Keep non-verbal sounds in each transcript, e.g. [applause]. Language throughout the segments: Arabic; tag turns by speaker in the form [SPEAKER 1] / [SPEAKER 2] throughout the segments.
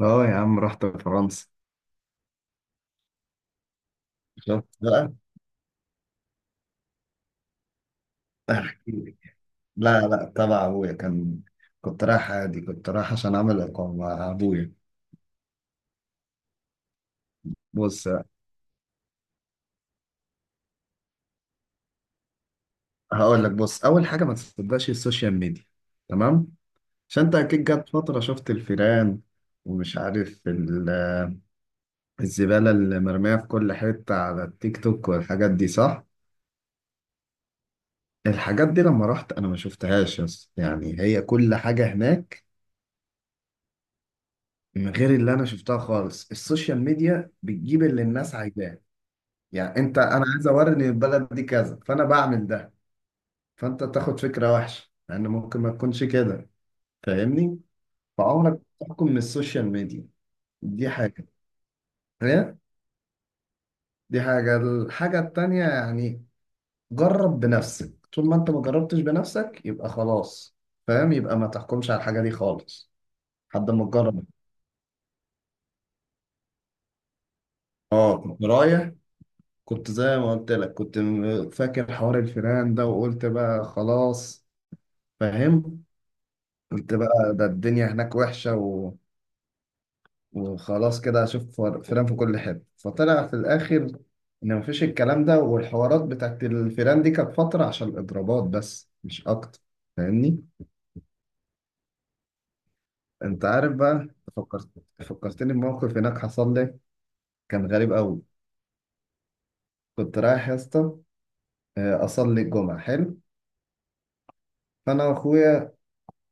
[SPEAKER 1] اه يا عم رحت فرنسا. شفت بقى. [laughs] احكي لك. لا تبع ابويا كان. كنت رايح عادي، كنت رايح عشان اعمل اقامه مع ابويا. بص، هقول لك. بص، اول حاجه ما تصدقش السوشيال ميديا، تمام؟ عشان انت اكيد جت فتره شفت الفيران، ومش عارف ال- الزباله اللي مرميه في كل حته على التيك توك والحاجات دي، صح؟ الحاجات دي لما رحت انا ما شفتهاش، يس. يعني هي كل حاجه هناك من غير اللي انا شفتها خالص. السوشيال ميديا بتجيب اللي الناس عايزاه. يعني انت، انا عايز اوري ان البلد دي كذا، فانا بعمل ده، فانت تاخد فكره وحشه، لان ممكن ما تكونش كده. فاهمني؟ فعمرك ما تحكم من السوشيال ميديا. دي حاجه. هي دي حاجه الحاجه التانيه، يعني جرب بنفسك. طول ما انت ما جربتش بنفسك يبقى خلاص، فاهم؟ يبقى ما تحكمش على الحاجه دي خالص لحد ما تجرب. اه، كنت رايح. كنت زي ما قلت لك، فاكر حوار الفيران ده، وقلت بقى خلاص، فاهم؟ قلت بقى ده الدنيا هناك وحشة، وخلاص كده هشوف فيران في كل حتة. فطلع في الآخر إن مفيش الكلام ده، والحوارات بتاعت الفيران دي كانت فترة عشان الإضرابات بس، مش أكتر. فاهمني؟ أنت عارف بقى. فكرت، فكرتني بموقف هناك حصل لي، كان غريب أوي. كنت رايح يا اسطى، أصلي الجمعة، حلو. فأنا وأخويا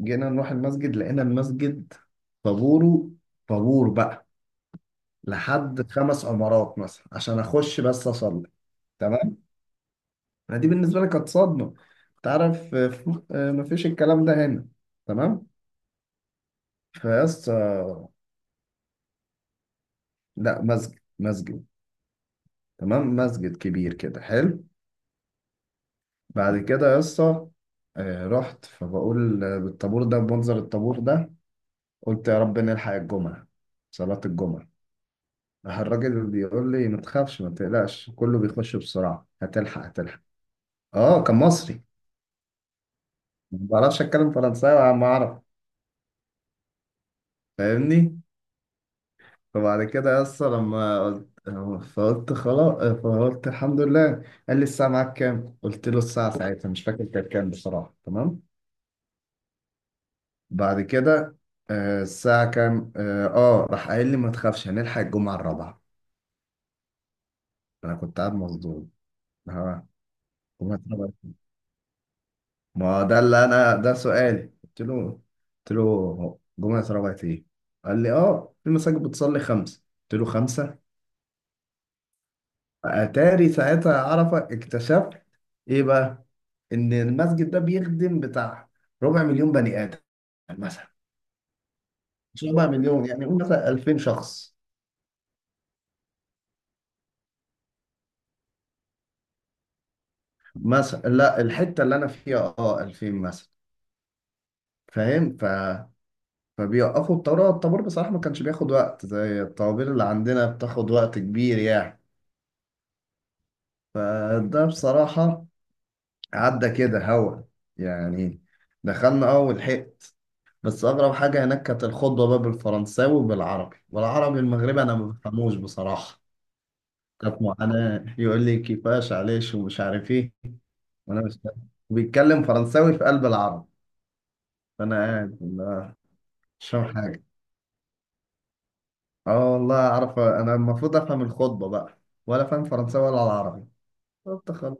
[SPEAKER 1] جينا نروح المسجد، لقينا المسجد طابوره، طابور بقى، لحد خمس عمارات مثلا، عشان أخش بس أصلي. تمام؟ ما دي بالنسبة لي كانت صدمة. تعرف مفيش الكلام ده هنا. تمام. فيس آه، لا، مسجد. تمام، مسجد كبير كده، حلو. بعد كده يسا، رحت، فبقول بالطابور ده، بمنظر الطابور ده، قلت يا رب نلحق الجمعة، صلاة الجمعة. راح الراجل بيقول لي ما تخافش، ما تقلقش، كله بيخش بسرعة، هتلحق هتلحق. اه، كان مصري. ما بعرفش اتكلم فرنساوي على ما اعرف، فاهمني؟ فبعد كده يا اسطى، لما قلت، فقلت خلاص، فقلت الحمد لله. قال لي الساعة معاك كام؟ قلت له الساعة ساعتها مش فاكر كانت كام بصراحة، تمام؟ بعد كده، الساعة كام؟ اه، راح قايل لي ما تخافش، هنلحق الجمعة الرابعة. أنا كنت قاعد مصدوم. ها، جمعة الرابعة؟ ما ده اللي أنا ده سؤالي، قلت له، قلت له جمعة الرابعة إيه؟ قال لي اه، في مساجد بتصلي خمسة. قلت له خمسة؟ أتاري ساعتها عرفة، اكتشفت إيه بقى؟ ان المسجد ده بيخدم بتاع ربع مليون بني ادم مثلا. مش ربع مليون يعني، قول مثلا 2000 شخص. مثلا لا، الحته اللي انا فيها اه 2000 مثلا. فاهم؟ ف فبيوقفوا الطابور. الطابور بصراحه ما كانش بياخد وقت زي الطوابير اللي عندنا بتاخد وقت كبير يعني. فده بصراحه عدى كده هوا، يعني دخلنا اه ولحقت. بس اغرب حاجه هناك كانت الخطبه بقى بالفرنساوي وبالعربي، والعربي المغربي انا ما بفهموش بصراحه. كانت معاناة، يقول لي كيفاش عليش ومش عارف ايه، وانا مش فاهم، وبيتكلم فرنساوي في قلب العرب. فانا قاعد لا، مش فاهم حاجة. اه والله، اعرف انا المفروض افهم الخطبة بقى، ولا فاهم فرنساوي ولا العربي. قلت خلاص.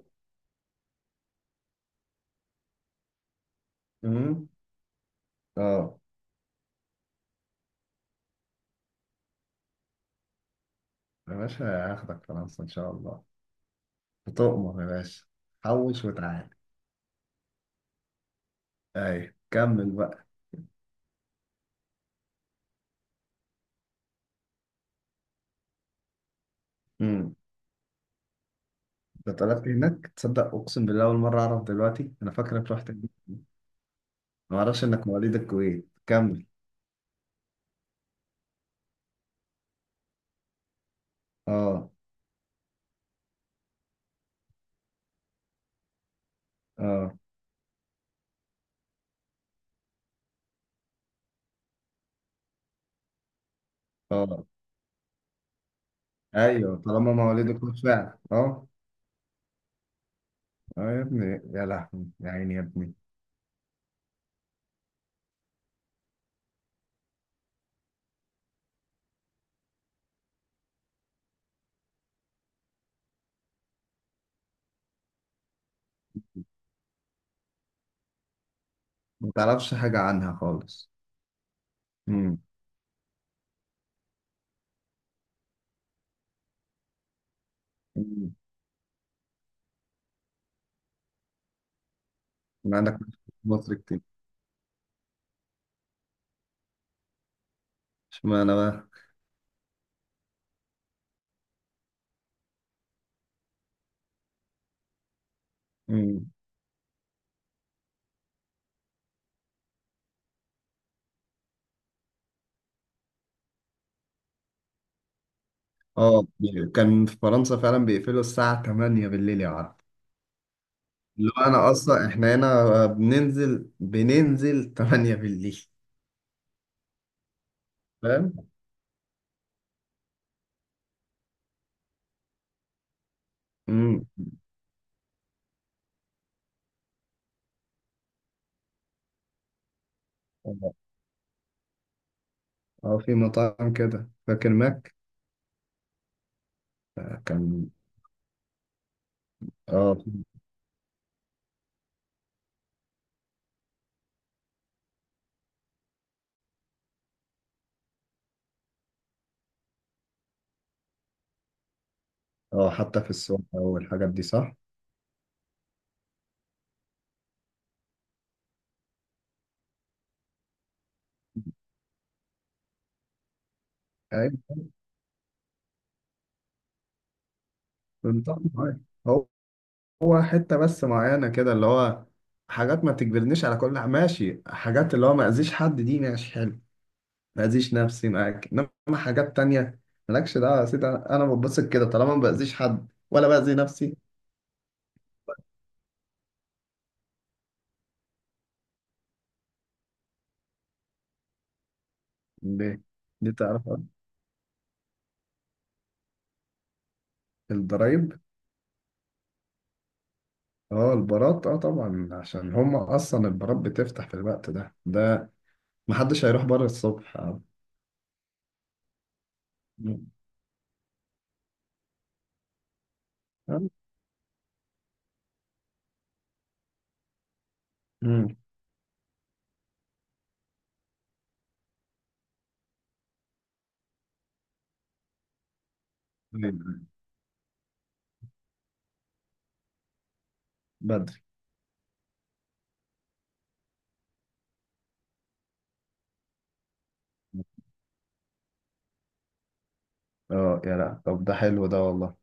[SPEAKER 1] أمم. اه يا باشا، هاخدك فرنسا ان شاء الله. بتؤمر يا باشا، حوش وتعالى. ايوه، كمل بقى. امم. انت اتولدت هناك؟ تصدق اقسم بالله اول مرة اعرف دلوقتي؟ انا فاكرك رحت هناك. ما اعرفش انك مواليد الكويت. كمل. اه اه اه. ايوه، طالما مواليد فعلا، اه. اه يا ابني، يا لهوي، يا عيني يا ابني. ما تعرفش حاجه عنها خالص. امم. أمم. ما عندك مصر كتير. اشمعنى بقى؟ امم. اه، كان في فرنسا فعلا بيقفلوا الساعه 8 بالليل، يا عرب. اللي هو انا اصلا، احنا هنا بننزل 8 بالليل، فاهم؟ امم. اه، في مطاعم كده، فاكر ماك، كان. اه، اه حتى في السوق والحاجات دي، صح؟ ايوه. كنت طبعاً. هو حتة بس معينة كده، اللي هو حاجات ما تجبرنيش على كل ماشي. حاجات اللي هو ما أذيش حد دي ماشي، حلو. ما أذيش نفسي معاك، إنما حاجات تانية، مالكش دعوة يا سيدي. أنا بتبسط كده طالما ما بأذيش حد ولا بأذي نفسي. ليه؟ دي تعرف الضرايب. اه البارات، اه طبعا، عشان هما أصلا البارات بتفتح في الوقت ده. ده محدش هيروح بره الصبح، اه. مم. آه. مم. طيب، بدري. اه يا لا، طب ده حلو ده، والله.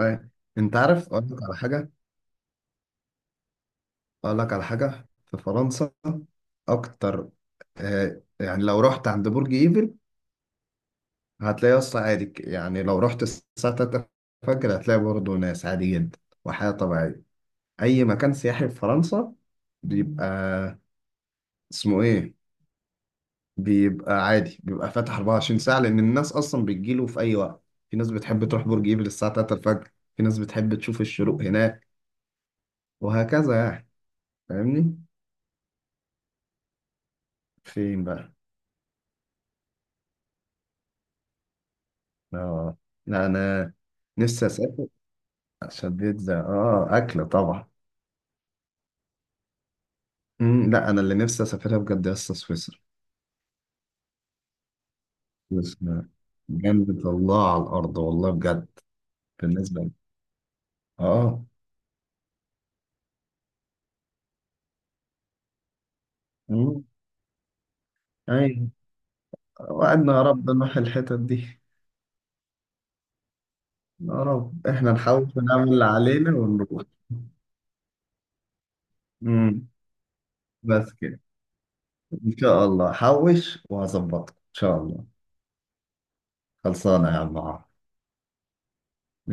[SPEAKER 1] أي. انت عارف اقول لك على حاجه؟ أقول لك على حاجة في فرنسا أكتر. يعني لو رحت عند برج إيفل، هتلاقي أصلا عادي، يعني لو رحت الساعة 3 الفجر هتلاقي برضه ناس عادي جدا وحياة طبيعية. أي مكان سياحي في فرنسا بيبقى اسمه إيه، بيبقى عادي، بيبقى فاتح 24 ساعة، لأن الناس أصلا بتجيله في أي وقت. في ناس بتحب تروح برج إيفل الساعة 3 الفجر، في ناس بتحب تشوف الشروق هناك، وهكذا يعني. فاهمني. فين بقى؟ آه. لا أنا نفسي أسافر شديد ده، اه، اكل طبعا. مم. لا، انا اللي نفسي اسافرها بجد يا اسطى سويسرا. سويسرا جنة الله على الارض، والله بجد، بالنسبه لي. اه. مم. ايوه. وعدنا يا رب نروح الحتت دي. يا رب احنا نحاول نعمل اللي علينا ونروح. مم. بس كده. ان شاء الله، حوش وهظبطك ان شاء الله. خلصانه يا عم عمرو.